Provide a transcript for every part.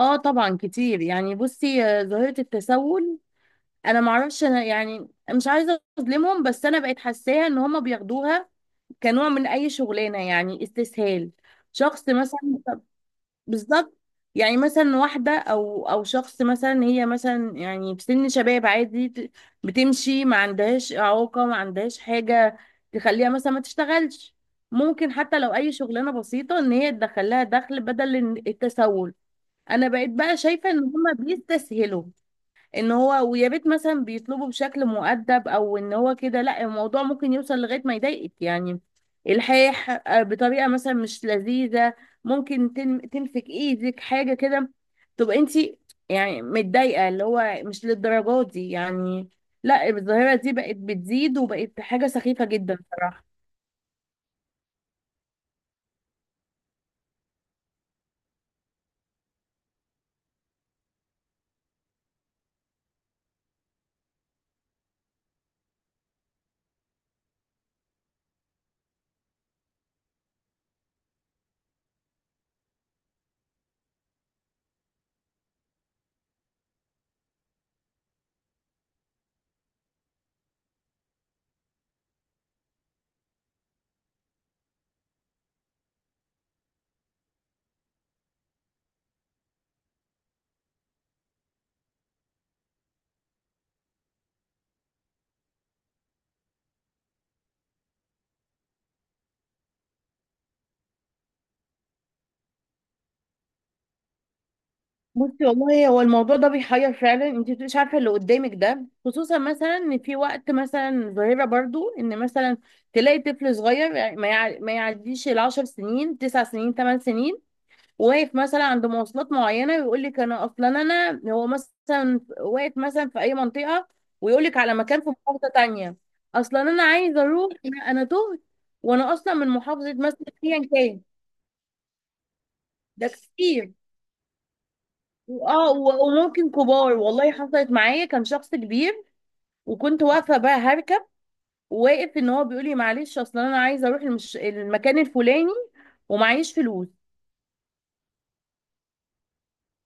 اه، طبعا كتير. يعني بصي، ظاهرة التسول. انا معرفش، انا يعني مش عايزة اظلمهم، بس انا بقيت حاساها ان هما بياخدوها كنوع من اي شغلانة، يعني استسهال. شخص مثلا. بالظبط. يعني مثلا واحدة او شخص، مثلا هي مثلا يعني في سن شباب عادي، بتمشي، ما عندهاش اعاقة، ما عندهاش حاجة تخليها مثلا ما تشتغلش. ممكن حتى لو اي شغلانة بسيطة ان هي تدخلها دخل بدل التسول. انا بقيت بقى شايفه ان هما بيستسهلوا ان هو، ويا ريت مثلا بيطلبوا بشكل مؤدب او ان هو كده. لا، الموضوع ممكن يوصل لغايه ما يضايقك يعني. الحاح بطريقه مثلا مش لذيذه. ممكن تمسك ايدك حاجه كده، تبقى انت يعني متضايقه، اللي هو مش للدرجه دي يعني. لا، الظاهره دي بقت بتزيد، وبقت حاجه سخيفه جدا صراحه. بصي، والله هو الموضوع ده بيحير فعلا. انت مش عارفه اللي قدامك ده، خصوصا مثلا ان في وقت مثلا ظاهره برضو ان مثلا تلاقي طفل صغير، يعني ما يعديش العشر سنين، تسع سنين، ثمان سنين، واقف مثلا عند مواصلات معينه، ويقول لك انا اصلا، انا هو مثلا واقف مثلا في اي منطقه ويقول لك على مكان في محافظه تانية. اصلا انا عايز اروح، أنا تهت، وانا اصلا من محافظه مثلا ايا كان. ده كتير. اه، وممكن كبار. والله حصلت معايا، كان شخص كبير، وكنت واقفه بقى هركب، واقف ان هو بيقول لي معلش، اصل انا عايزه اروح المكان الفلاني، ومعيش فلوس.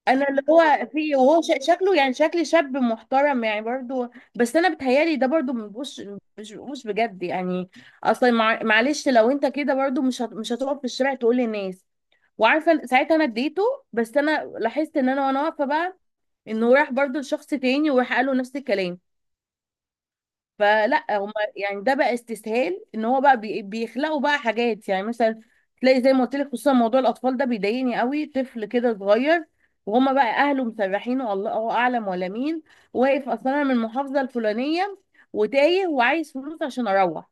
انا اللي هو في، وهو شكله يعني شكل شاب محترم يعني برضو. بس انا بتهيالي ده برضو، مش بجد يعني. اصلا معلش، لو انت كده برضو مش هتقف في الشارع تقول للناس. وعارفه ساعتها انا اديته، بس انا لاحظت ان انا وانا واقفه بقى، انه راح برضو لشخص تاني وراح قال له نفس الكلام. فلا، هم يعني ده بقى استسهال، ان هو بقى بيخلقوا بقى حاجات، يعني مثلا تلاقي زي ما قلت لك، خصوصا موضوع الاطفال ده بيضايقني قوي. طفل كده صغير، وهما بقى اهله مسرحينه الله اعلم ولا مين، واقف اصلا أنا من المحافظه الفلانيه، وتايه وعايز فلوس عشان اروح.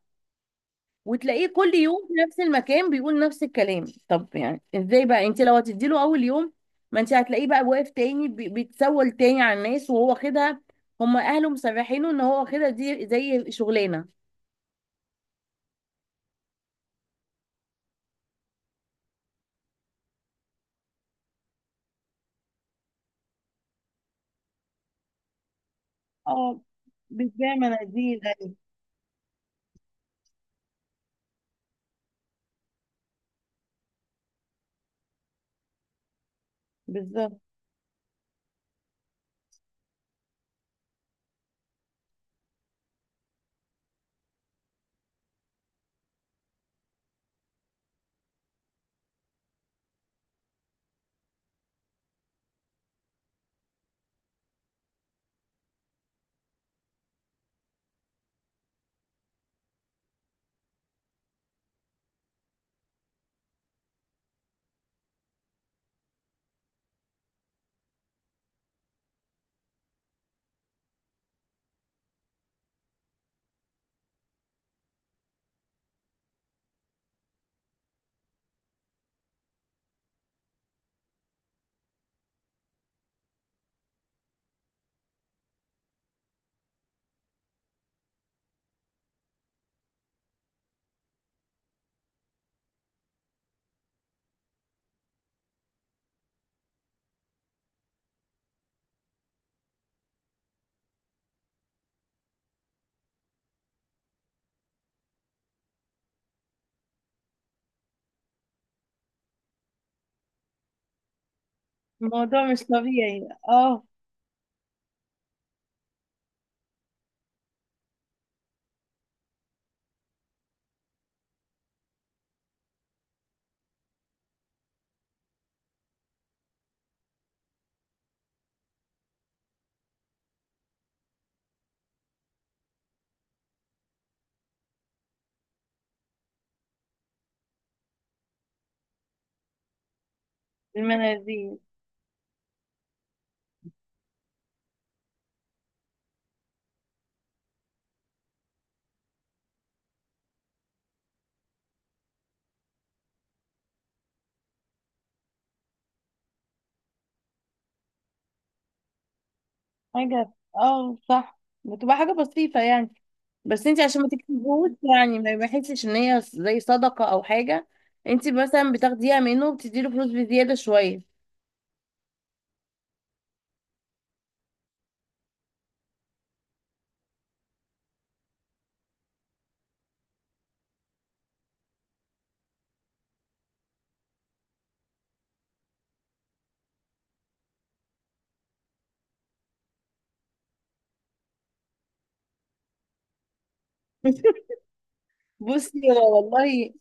وتلاقيه كل يوم في نفس المكان بيقول نفس الكلام. طب يعني ازاي بقى انت لو هتديله اول يوم؟ ما انت هتلاقيه بقى واقف تاني بيتسول تاني على الناس، وهو واخدها. هم اهله مسرحينه ان هو واخدها دي زي شغلانه. اه، بتبيع مناديل، أيوة، بالظبط. الموضوع مش طبيعي، اه. المناديل حاجة، اه، صح، بتبقى حاجة بسيطة يعني. بس انت عشان ما تكتبوش، يعني ما يحسش ان هي زي صدقة او حاجة، انت مثلا بتاخديها منه وبتديله فلوس بزيادة شوية. بصي، هو والله،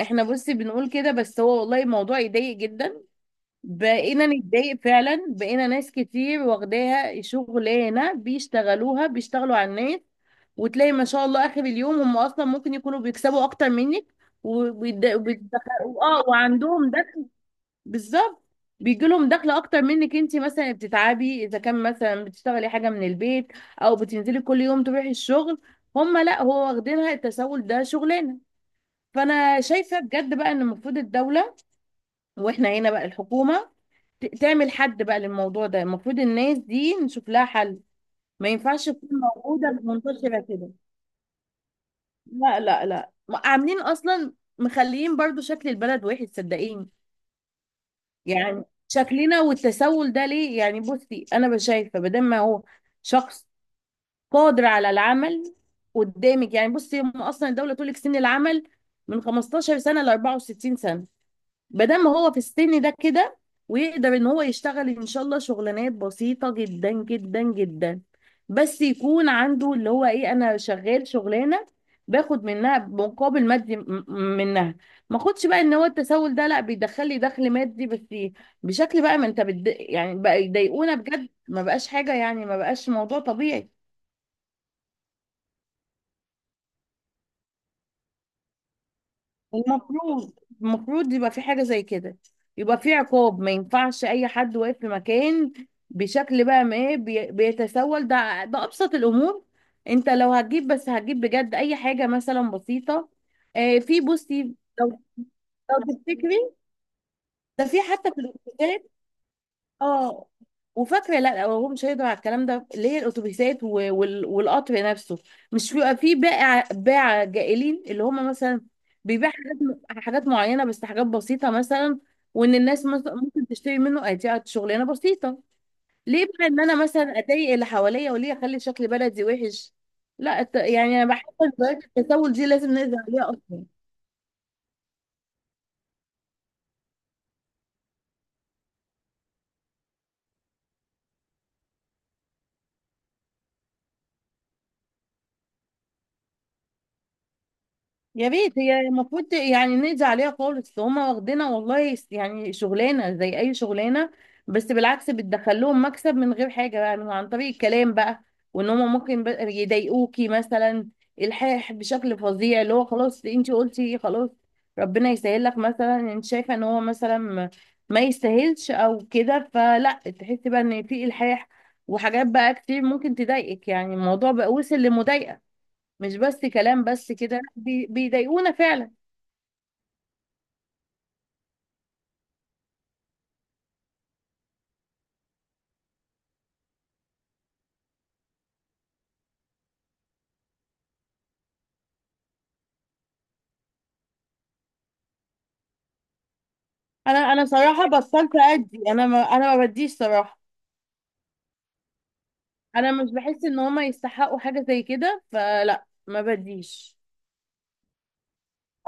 احنا بصي بنقول كده، بس هو والله الموضوع يضايق جدا. بقينا نتضايق فعلا. بقينا ناس كتير واخداها شغلانة، بيشتغلوها، بيشتغلوا على الناس. وتلاقي ما شاء الله اخر اليوم هم اصلا ممكن يكونوا بيكسبوا اكتر منك، وبيدخلوا اه وعندهم ده. بالظبط. بيجي لهم دخل اكتر منك. انت مثلا بتتعبي اذا كان مثلا بتشتغلي حاجه من البيت، او بتنزلي كل يوم تروحي الشغل. هم لا، هو واخدينها التسول ده شغلانه. فانا شايفه بجد بقى ان المفروض الدوله، واحنا هنا بقى الحكومه، تعمل حد بقى للموضوع ده. المفروض الناس دي نشوف لها حل. ما ينفعش تكون موجوده منتشره كده. لا لا لا، عاملين اصلا مخليين برضو شكل البلد وحش، صدقيني. يعني شكلنا، والتسول ده ليه يعني؟ بصي، انا بشايفه بدل ما هو شخص قادر على العمل قدامك، يعني بصي هم اصلا الدوله تقول لك سن العمل من 15 سنه ل 64 سنه. بدل ما هو في السن ده كده ويقدر ان هو يشتغل ان شاء الله شغلانات بسيطة جدا جدا جدا، بس يكون عنده اللي هو ايه، انا شغال شغلانة، باخد منها مقابل مادي منها. ما اخدش بقى ان هو التسول ده، لا، بيدخل لي دخل مادي بس بشكل بقى ما انت يعني بقى يضايقونا بجد. ما بقاش حاجة يعني، ما بقاش موضوع طبيعي. المفروض، يبقى في حاجة زي كده، يبقى في عقاب. ما ينفعش أي حد واقف في مكان بشكل بقى، ما إيه، بيتسول. ده أبسط الأمور. أنت لو هتجيب، بس هتجيب بجد أي حاجة مثلا بسيطة. في بصي، لو لو تفتكري ده في حتى في الابتدائي، اه. وفاكره لا، هو مش هيقدر على الكلام ده. اللي هي الاتوبيسات والقطر نفسه، مش بيبقى فيه باع باع جائلين، اللي هم مثلا بيبيع حاجات، حاجات معينه، بس حاجات بسيطه مثلا. وان الناس مثلا ممكن تشتري منه، ادي شغلانه بسيطه. ليه بقى ان انا مثلا اضايق اللي حواليا، وليه اخلي شكل بلدي وحش؟ لا، يعني انا بحس ان ظاهرة التسول دي لازم نقدر عليها اصلا. يا ريت، هي المفروض يعني نقضي عليها خالص. هما واخدينها والله يعني شغلانه زي اي شغلانه، بس بالعكس بتدخل لهم مكسب من غير حاجه، يعني عن طريق الكلام بقى. وان هما ممكن بقى يضايقوكي مثلا، الحاح بشكل فظيع. اللي هو خلاص، انت قلتي خلاص، ربنا يسهل لك مثلا، انت شايفه ان هو مثلا ما يستاهلش او كده، فلا. تحسي بقى ان في الحاح، وحاجات بقى كتير ممكن تضايقك يعني. الموضوع بقى وصل لمضايقه، مش بس كلام. بس كده بيضايقونا فعلا. انا صراحه بطلت ادي. انا ما بديش صراحه. انا مش بحس ان هما يستحقوا حاجه زي كده، فلا، ما بديش.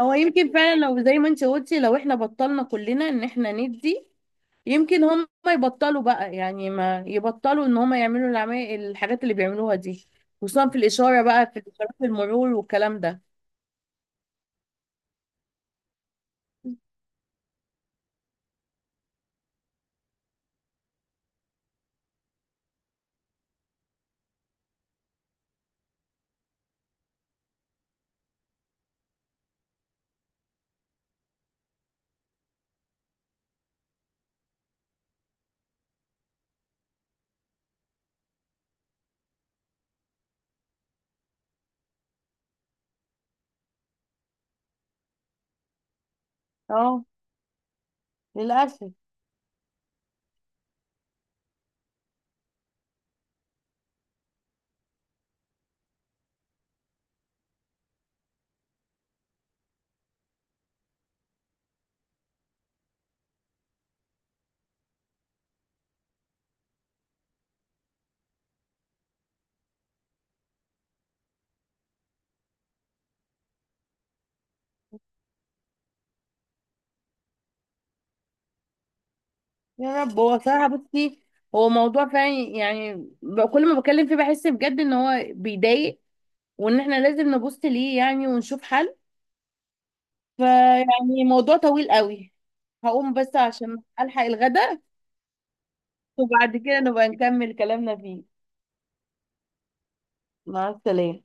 هو يمكن فعلا لو زي ما انت قلتي، لو احنا بطلنا كلنا ان احنا ندي، يمكن هما يبطلوا بقى. يعني ما يبطلوا ان هما يعملوا العمال الحاجات اللي بيعملوها دي، خصوصا في الاشاره بقى، في اشارات المرور والكلام ده. اه، للاسف. يا رب. هو صراحة بصي، هو موضوع فعلا يعني، كل ما بتكلم فيه بحس بجد ان هو بيضايق، وان احنا لازم نبص ليه يعني، ونشوف حل. فيعني موضوع طويل قوي. هقوم بس عشان الحق الغداء، وبعد كده نبقى نكمل كلامنا فيه. مع السلامة.